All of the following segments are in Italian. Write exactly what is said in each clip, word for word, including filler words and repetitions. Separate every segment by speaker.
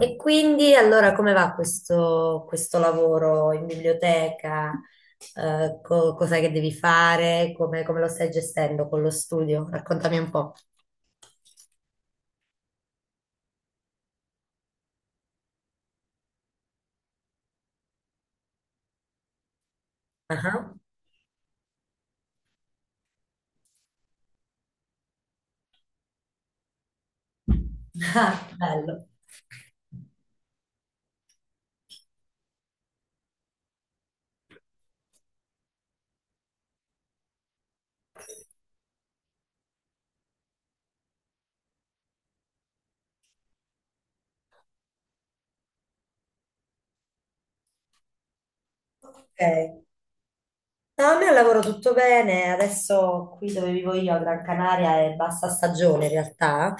Speaker 1: E quindi allora come va questo, questo lavoro in biblioteca? Eh, co- cos'è che devi fare? Come, come lo stai gestendo con lo studio? Raccontami un po'. Ah, ah. Ah, bello. Ok. No, a me al lavoro tutto bene, adesso qui dove vivo io a Gran Canaria è bassa stagione in realtà,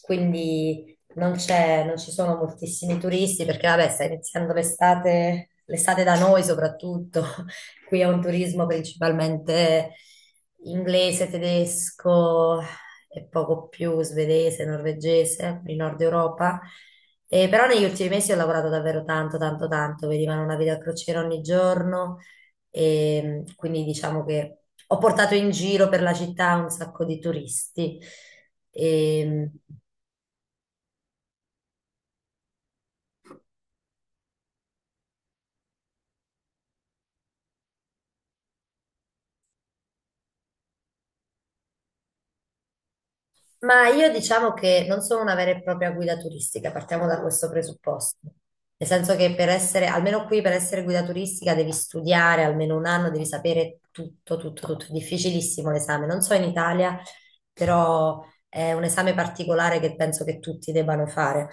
Speaker 1: quindi non c'è, non ci sono moltissimi turisti perché vabbè sta iniziando l'estate, l'estate da noi soprattutto, qui è un turismo principalmente inglese, tedesco e poco più svedese, norvegese, il nord Europa. E però negli ultimi mesi ho lavorato davvero tanto, tanto, tanto, vedevano una vita a crociera ogni giorno e quindi diciamo che ho portato in giro per la città un sacco di turisti. E, ma io diciamo che non sono una vera e propria guida turistica, partiamo da questo presupposto. Nel senso che per essere, almeno qui per essere guida turistica devi studiare almeno un anno, devi sapere tutto, tutto, tutto. È difficilissimo l'esame. Non so in Italia, però è un esame particolare che penso che tutti debbano fare.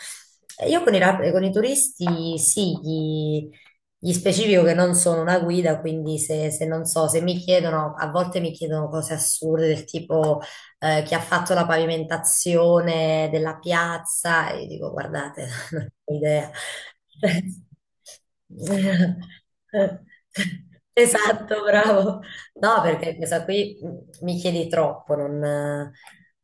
Speaker 1: E io con i, rap- con i turisti sì, gli, gli specifico che non sono una guida, quindi se se non so, se mi chiedono, a volte mi chiedono cose assurde del tipo eh, chi ha fatto la pavimentazione della piazza, e io dico, guardate, non ho idea. Esatto, bravo. No, perché questa qui mh, mi chiedi troppo, non, eh,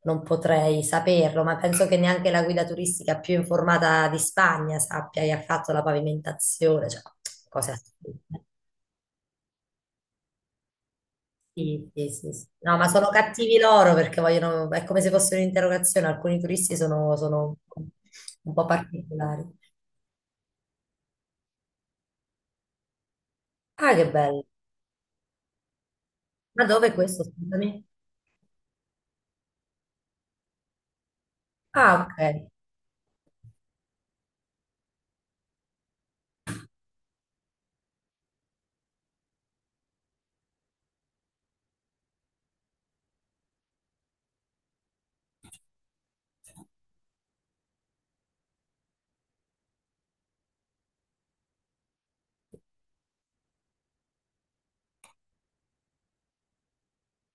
Speaker 1: non potrei saperlo, ma penso che neanche la guida turistica più informata di Spagna sappia chi ha fatto la pavimentazione, cioè cose assurde. Sì, sì, sì, sì. No, ma sono cattivi loro perché vogliono, è come se fosse un'interrogazione. Alcuni turisti sono, sono un po' particolari. Ah, che bello. Ma dove è questo? Scusami. Ah, ok.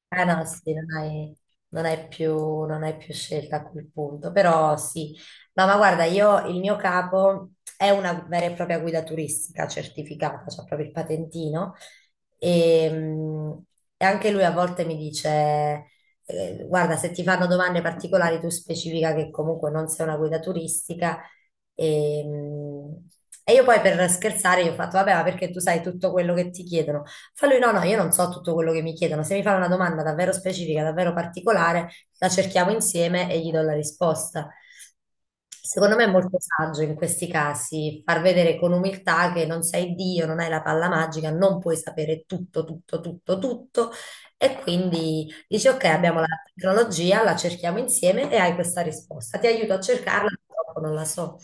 Speaker 1: Eh no, sì, non hai, non hai più, non hai più scelta a quel punto, però sì. No, ma guarda, io, il mio capo è una vera e propria guida turistica certificata, c'ha proprio il patentino, e, mh, e anche lui a volte mi dice, eh, guarda, se ti fanno domande particolari tu specifica che comunque non sei una guida turistica, e, mh, e io poi per scherzare gli ho fatto, vabbè, ma perché tu sai tutto quello che ti chiedono? Fa lui, no, no, io non so tutto quello che mi chiedono, se mi fa una domanda davvero specifica, davvero particolare, la cerchiamo insieme e gli do la risposta. Secondo me è molto saggio in questi casi far vedere con umiltà che non sei Dio, non hai la palla magica, non puoi sapere tutto, tutto, tutto, tutto e quindi dici ok, abbiamo la tecnologia, la cerchiamo insieme e hai questa risposta. Ti aiuto a cercarla, purtroppo non la so.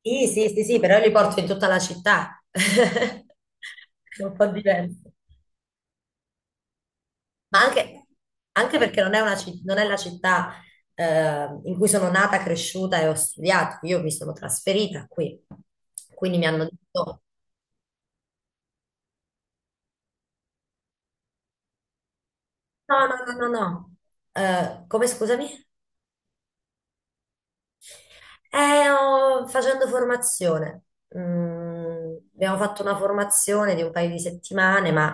Speaker 1: Sì, sì, sì, sì, però io li porto in tutta la città. È un po' diverso. Ma anche, anche perché non è, una ci- non è la città eh, in cui sono nata, cresciuta e ho studiato. Io mi sono trasferita qui, quindi mi hanno detto: no, no, no, no, no. Eh, come scusami? Eh, ho- facendo formazione. Mm, abbiamo fatto una formazione di un paio di settimane, ma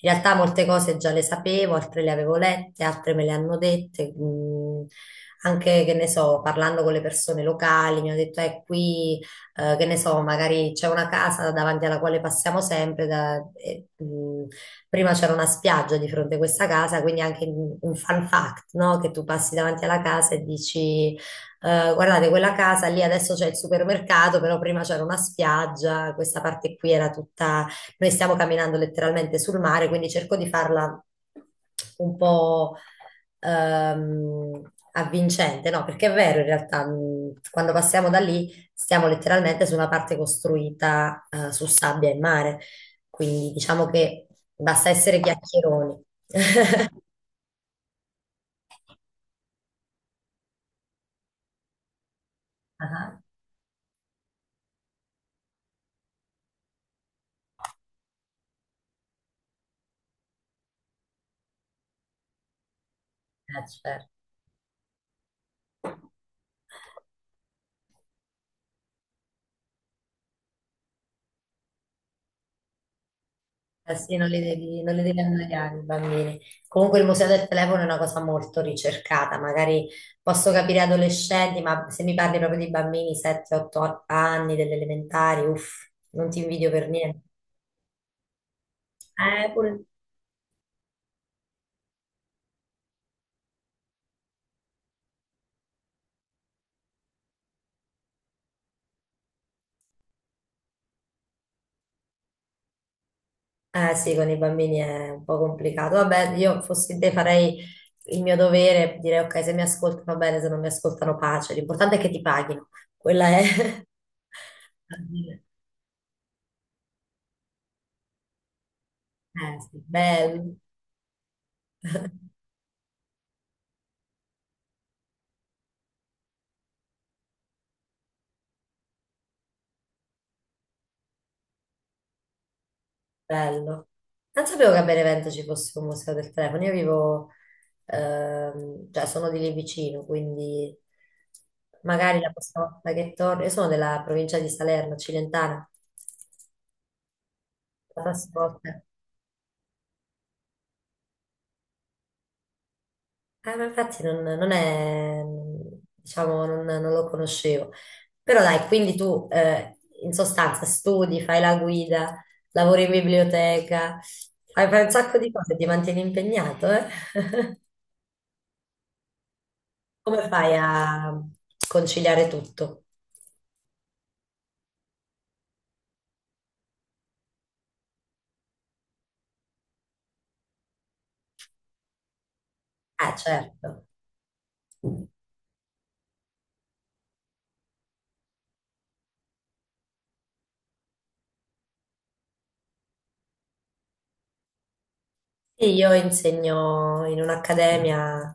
Speaker 1: in realtà molte cose già le sapevo, altre le avevo lette, altre me le hanno dette. Mm, anche, che ne so, parlando con le persone locali, mi hanno detto, eh, qui, eh, che ne so, magari c'è una casa davanti alla quale passiamo sempre. Da- e, mm, prima c'era una spiaggia di fronte a questa casa, quindi anche un un fun fact, no? Che tu passi davanti alla casa e dici... Eh, guardate, quella casa lì adesso c'è il supermercato, però prima c'era una spiaggia, questa parte qui era tutta... Noi stiamo camminando letteralmente sul mare, quindi cerco di farla un po' ehm, avvincente, no? Perché è vero, in realtà, mh, quando passiamo da lì stiamo letteralmente su una parte costruita eh, su sabbia e mare, quindi diciamo che basta essere chiacchieroni. Ah, eh, certo. Eh sì, non li devi, non li devi annoiare i bambini. Comunque il museo del telefono è una cosa molto ricercata, magari posso capire adolescenti, ma se mi parli proprio di bambini sette otto anni, delle elementari, uff, non ti invidio per niente. Eh, pure- eh sì, con i bambini è un po' complicato. Vabbè, io fossi te farei il mio dovere, direi ok, se mi ascoltano bene, se non mi ascoltano pace. L'importante è che ti paghino. Quella è... Eh, sì, bello. Bello. Non sapevo che a Benevento ci fosse un museo del telefono. Io vivo, ehm, cioè sono di lì vicino, quindi magari la prossima volta che torno, io sono della provincia di Salerno, Cilentana, la prossima volta. Eh, ma infatti non, non è, diciamo, non, non lo conoscevo. Però dai, quindi tu eh, in sostanza studi, fai la guida, lavori in biblioteca, fai, fai un sacco di cose, ti mantieni impegnato, eh? Come fai a conciliare tutto? Eh, certo. E io insegno in un'accademia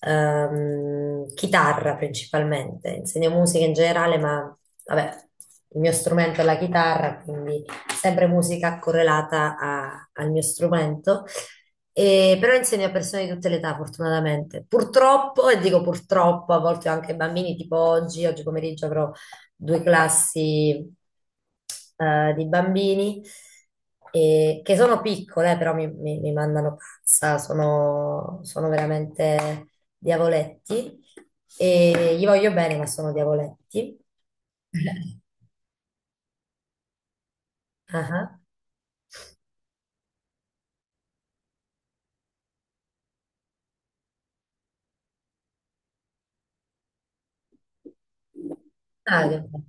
Speaker 1: ehm, chitarra principalmente, insegno musica in generale, ma vabbè, il mio strumento è la chitarra, quindi sempre musica correlata a- al mio strumento. E però insegno a persone di tutte le età, fortunatamente. Purtroppo, e dico purtroppo, a volte anche ai bambini, tipo oggi, oggi pomeriggio avrò due classi eh, di bambini e- che sono piccole, eh, però mi, mi- mi mandano pazza, sono, sono veramente diavoletti e gli voglio bene, ma sono diavoletti. Ah, ah. Ah, che bello.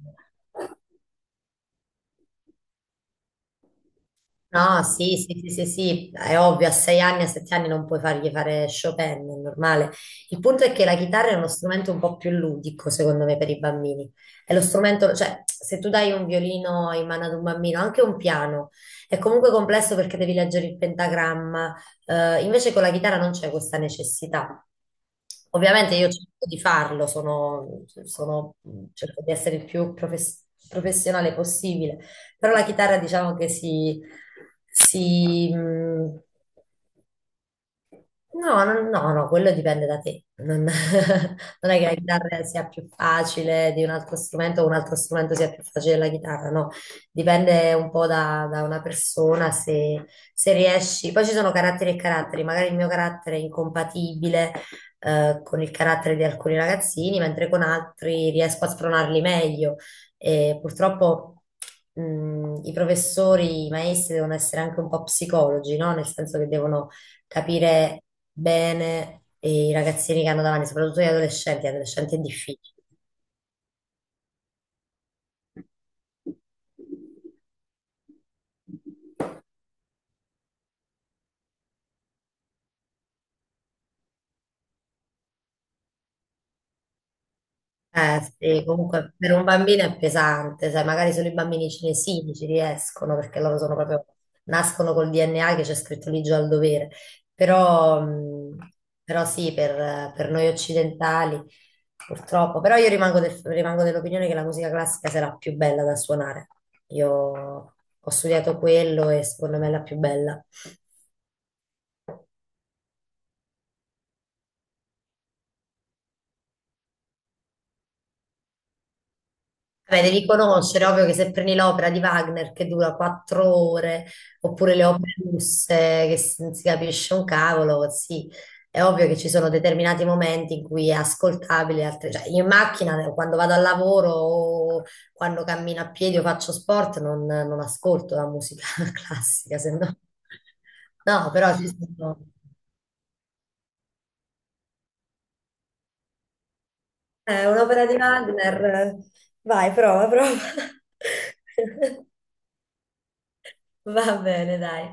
Speaker 1: No, sì, sì, sì, sì, sì, è ovvio, a sei anni, a sette anni non puoi fargli fare Chopin, è normale. Il punto è che la chitarra è uno strumento un po' più ludico, secondo me, per i bambini. È lo strumento, cioè, se tu dai un violino in mano ad un bambino, anche un piano, è comunque complesso perché devi leggere il pentagramma, eh, invece con la chitarra non c'è questa necessità. Ovviamente io cerco di farlo, sono, sono- cerco di essere il più profes- professionale possibile però la chitarra diciamo che si, si, mh, no, no, no, no, quello dipende da te. Non, non è che la chitarra sia più facile di un altro strumento o un altro strumento sia più facile della chitarra, no. Dipende un po' da, da una persona se, se riesci. Poi ci sono caratteri e caratteri, magari il mio carattere è incompatibile eh, con il carattere di alcuni ragazzini, mentre con altri riesco a spronarli meglio. E purtroppo mh, i professori, i maestri devono essere anche un po' psicologi, no? Nel senso che devono capire bene i ragazzini che hanno davanti, soprattutto gli adolescenti, gli adolescenti è difficile. Eh, sì, comunque per un bambino è pesante, sai, magari solo i bambini cinesini ci riescono perché loro sono proprio, nascono col D N A che c'è scritto lì già al dovere, però, mh, però sì, per, per noi occidentali purtroppo, però io rimango, del- rimango dell'opinione che la musica classica sarà più bella da suonare. Io ho studiato quello e secondo me è la più bella. Beh, devi conoscere, ovvio che se prendi l'opera di Wagner che dura quattro ore, oppure le opere russe che s- non si capisce un cavolo, sì, è ovvio che ci sono determinati momenti in cui è ascoltabile, altre- cioè, io in macchina eh, quando vado al lavoro o quando cammino a piedi o faccio sport non, non ascolto la musica classica, se no... No, però ci sono... È un'opera di Wagner, vai, prova, prova. Va bene, dai.